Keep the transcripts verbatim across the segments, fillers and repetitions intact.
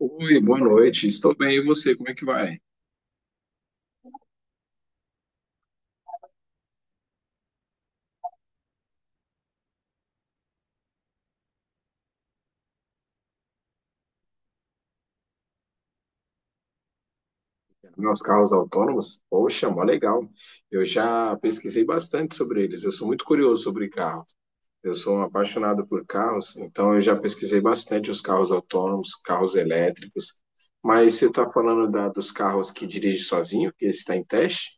Oi, boa noite. Estou bem, e você? Como é que vai? Meus carros autônomos? Poxa, mó legal. Eu já pesquisei bastante sobre eles. Eu sou muito curioso sobre carro. Eu sou um apaixonado por carros, então eu já pesquisei bastante os carros autônomos, carros elétricos. Mas você está falando da, dos carros que dirige sozinho, que está em teste?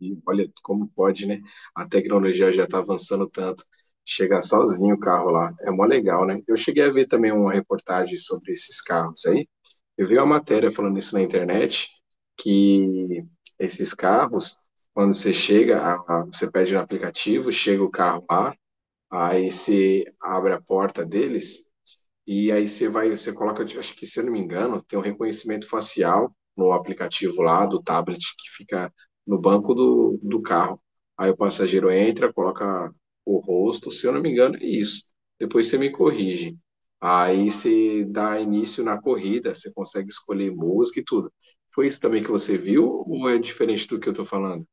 E olha como pode, né? A tecnologia já está avançando tanto. Chega sozinho o carro lá, é mó legal, né? Eu cheguei a ver também uma reportagem sobre esses carros aí. Eu vi uma matéria falando isso na internet, que esses carros, quando você chega, a- a- você pede no aplicativo, chega o carro lá, aí você abre a porta deles, e aí você vai, você coloca, acho que se eu não me engano, tem um reconhecimento facial no aplicativo lá do tablet que fica no banco do, do carro. Aí o passageiro entra, coloca o rosto, se eu não me engano, é isso. Depois você me corrige. Aí você dá início na corrida, você consegue escolher música e tudo. Foi isso também que você viu ou é diferente do que eu tô falando?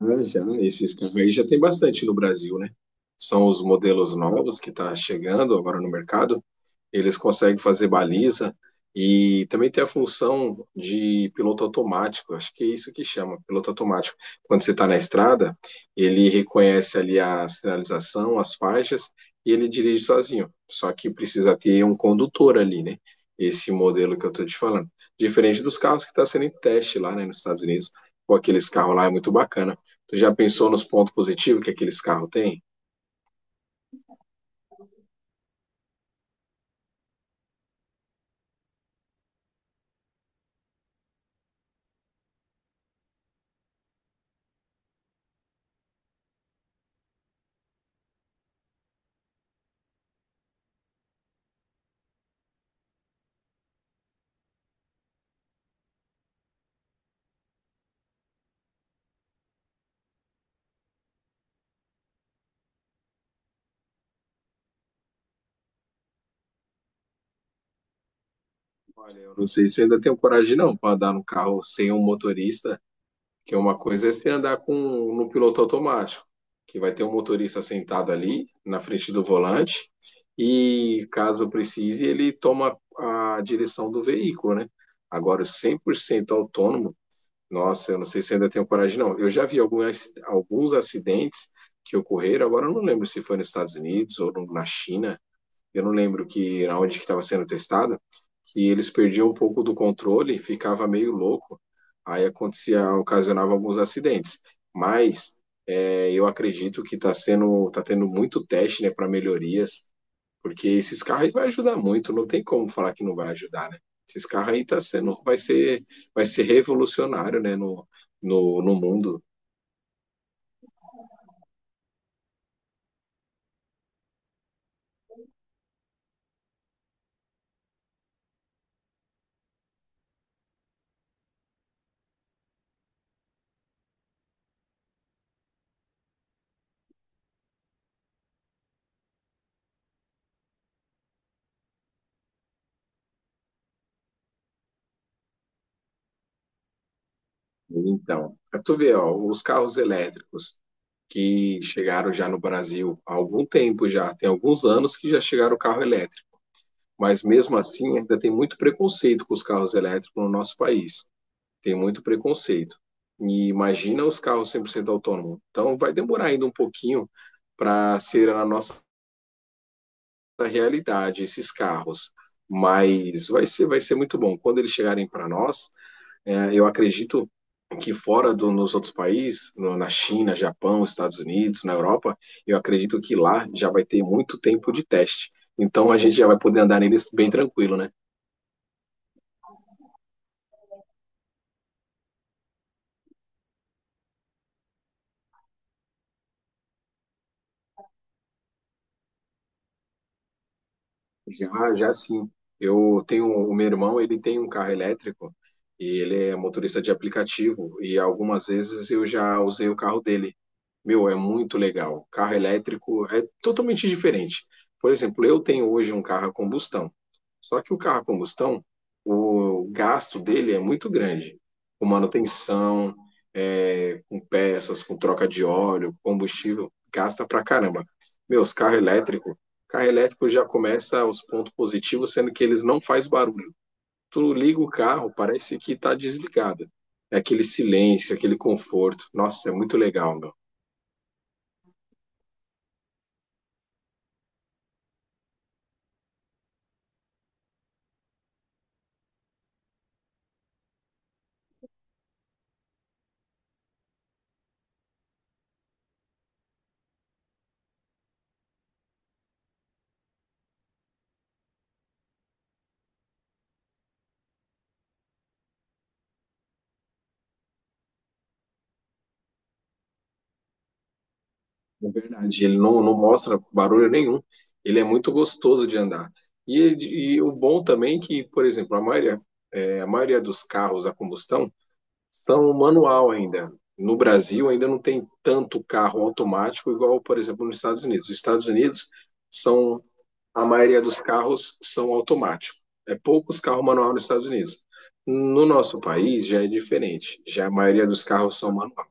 Ah, já, esses carros aí já tem bastante no Brasil, né? São os modelos novos que está chegando agora no mercado. Eles conseguem fazer baliza e também tem a função de piloto automático. Acho que é isso que chama, piloto automático. Quando você está na estrada, ele reconhece ali a sinalização, as faixas e ele dirige sozinho. Só que precisa ter um condutor ali, né? Esse modelo que eu estou te falando. Diferente dos carros que está sendo em teste lá, né, nos Estados Unidos. Pô, aqueles carros lá é muito bacana. Tu já pensou nos pontos positivos que aqueles carros têm? Olha, eu não sei se ainda tenho coragem não para andar no carro sem um motorista, que é uma coisa é você andar com no piloto automático, que vai ter um motorista sentado ali na frente do volante e caso precise ele toma a direção do veículo, né? Agora o cem por cento autônomo, nossa, eu não sei se ainda tenho coragem não. Eu já vi algumas, alguns acidentes que ocorreram, agora eu não lembro se foi nos Estados Unidos ou no- na China, eu não lembro que onde que estava sendo testado, que eles perdiam um pouco do controle, e ficava meio louco, aí acontecia, ocasionava alguns acidentes. Mas é, eu acredito que está sendo, tá tendo muito teste, né, para melhorias, porque esses carros aí vai ajudar muito, não tem como falar que não vai ajudar, né? Esses carros aí tá sendo, vai ser, vai ser revolucionário, né, no, no, no mundo. Então, pra tu ver, ó, os carros elétricos que chegaram já no Brasil há algum tempo já, tem alguns anos que já chegaram o carro elétrico, mas mesmo assim ainda tem muito preconceito com os carros elétricos no nosso país. Tem muito preconceito. E imagina os carros cem por cento autônomos. Então vai demorar ainda um pouquinho para ser a nossa realidade esses carros, mas vai ser vai ser muito bom quando eles chegarem para nós. É, eu acredito que fora do, nos outros países, no- na China, Japão, Estados Unidos, na Europa, eu acredito que lá já vai ter muito tempo de teste. Então a gente já vai poder andar neles bem tranquilo, né? Já, já sim. Eu tenho o meu irmão, ele tem um carro elétrico e ele é motorista de aplicativo e algumas vezes eu já usei o carro dele. Meu, é muito legal. Carro elétrico é totalmente diferente. Por exemplo, eu tenho hoje um carro a combustão. Só que o carro a combustão, o gasto dele é muito grande. Com manutenção, é, com peças, com troca de óleo, combustível, gasta pra caramba. Meus carro elétrico, carro elétrico já começa os pontos positivos, sendo que eles não faz barulho. Tu liga o carro, parece que tá desligado. É aquele silêncio, aquele conforto. Nossa, é muito legal, meu. Na verdade. Ele não, não mostra barulho nenhum. Ele é muito gostoso de andar. E, ele- e o bom também é que, por exemplo, a maioria, é, a maioria dos carros a combustão são manual ainda. No Brasil ainda não tem tanto carro automático igual, por exemplo, nos Estados Unidos. Os Estados Unidos são a maioria dos carros são automáticos. É poucos carros manual nos Estados Unidos. No nosso país já é diferente. Já a maioria dos carros são manual.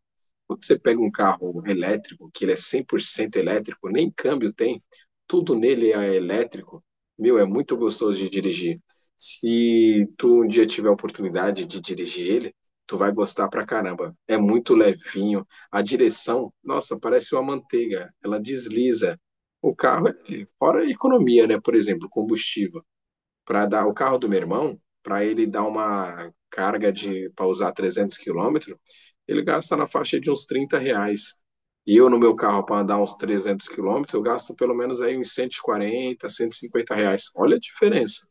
Quando você pega um carro elétrico, que ele é cem por cento elétrico, nem câmbio tem, tudo nele é elétrico, meu, é muito gostoso de dirigir. Se tu um dia tiver a oportunidade de dirigir ele, tu vai gostar pra caramba. É muito levinho. A direção, nossa, parece uma manteiga. Ela desliza. O carro, é- Fora a economia, né? Por exemplo, combustível para dar o carro do meu irmão, para ele dar uma carga de para usar trezentos quilômetros, ele gasta na faixa de uns trinta reais. E eu no meu carro para andar uns trezentos quilômetros, eu gasto pelo menos aí uns cento cento e quarenta cento e cinquenta reais. Olha a diferença.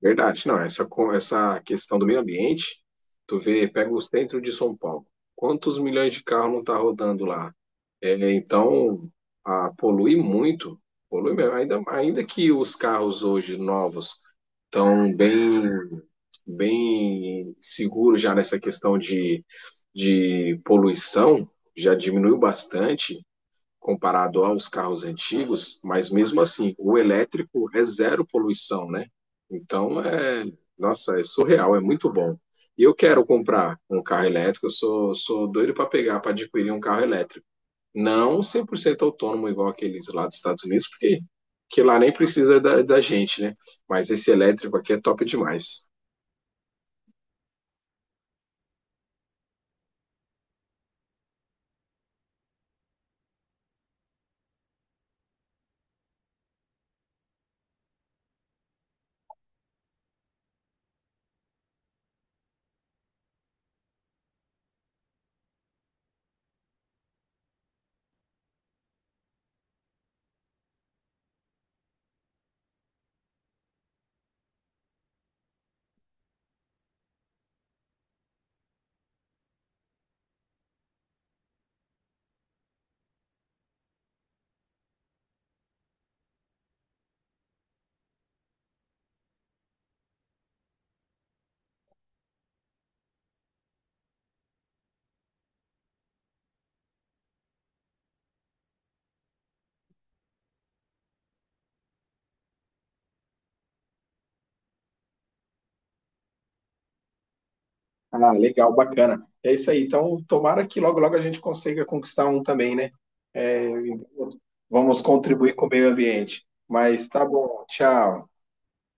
Verdade, não, essa, co- essa questão do meio ambiente, tu vê, pega o centro de São Paulo, quantos milhões de carros não tá rodando lá? É, então, a, polui muito, polui mesmo, ainda, ainda que os carros hoje novos estão bem, bem seguros já nessa questão de, de poluição, já diminuiu bastante, comparado aos carros antigos, mas mesmo assim, o elétrico é zero poluição, né? Então, é, nossa, é surreal, é muito bom. E eu quero comprar um carro elétrico, eu sou, sou doido para pegar, para adquirir um carro elétrico. Não cem por cento autônomo, igual aqueles lá dos Estados Unidos, porque que lá nem precisa da, da gente, né? Mas esse elétrico aqui é top demais. Ah, legal, bacana. É isso aí. Então, tomara que logo, logo a gente consiga conquistar um também, né? É, vamos contribuir com o meio ambiente. Mas tá bom, tchau.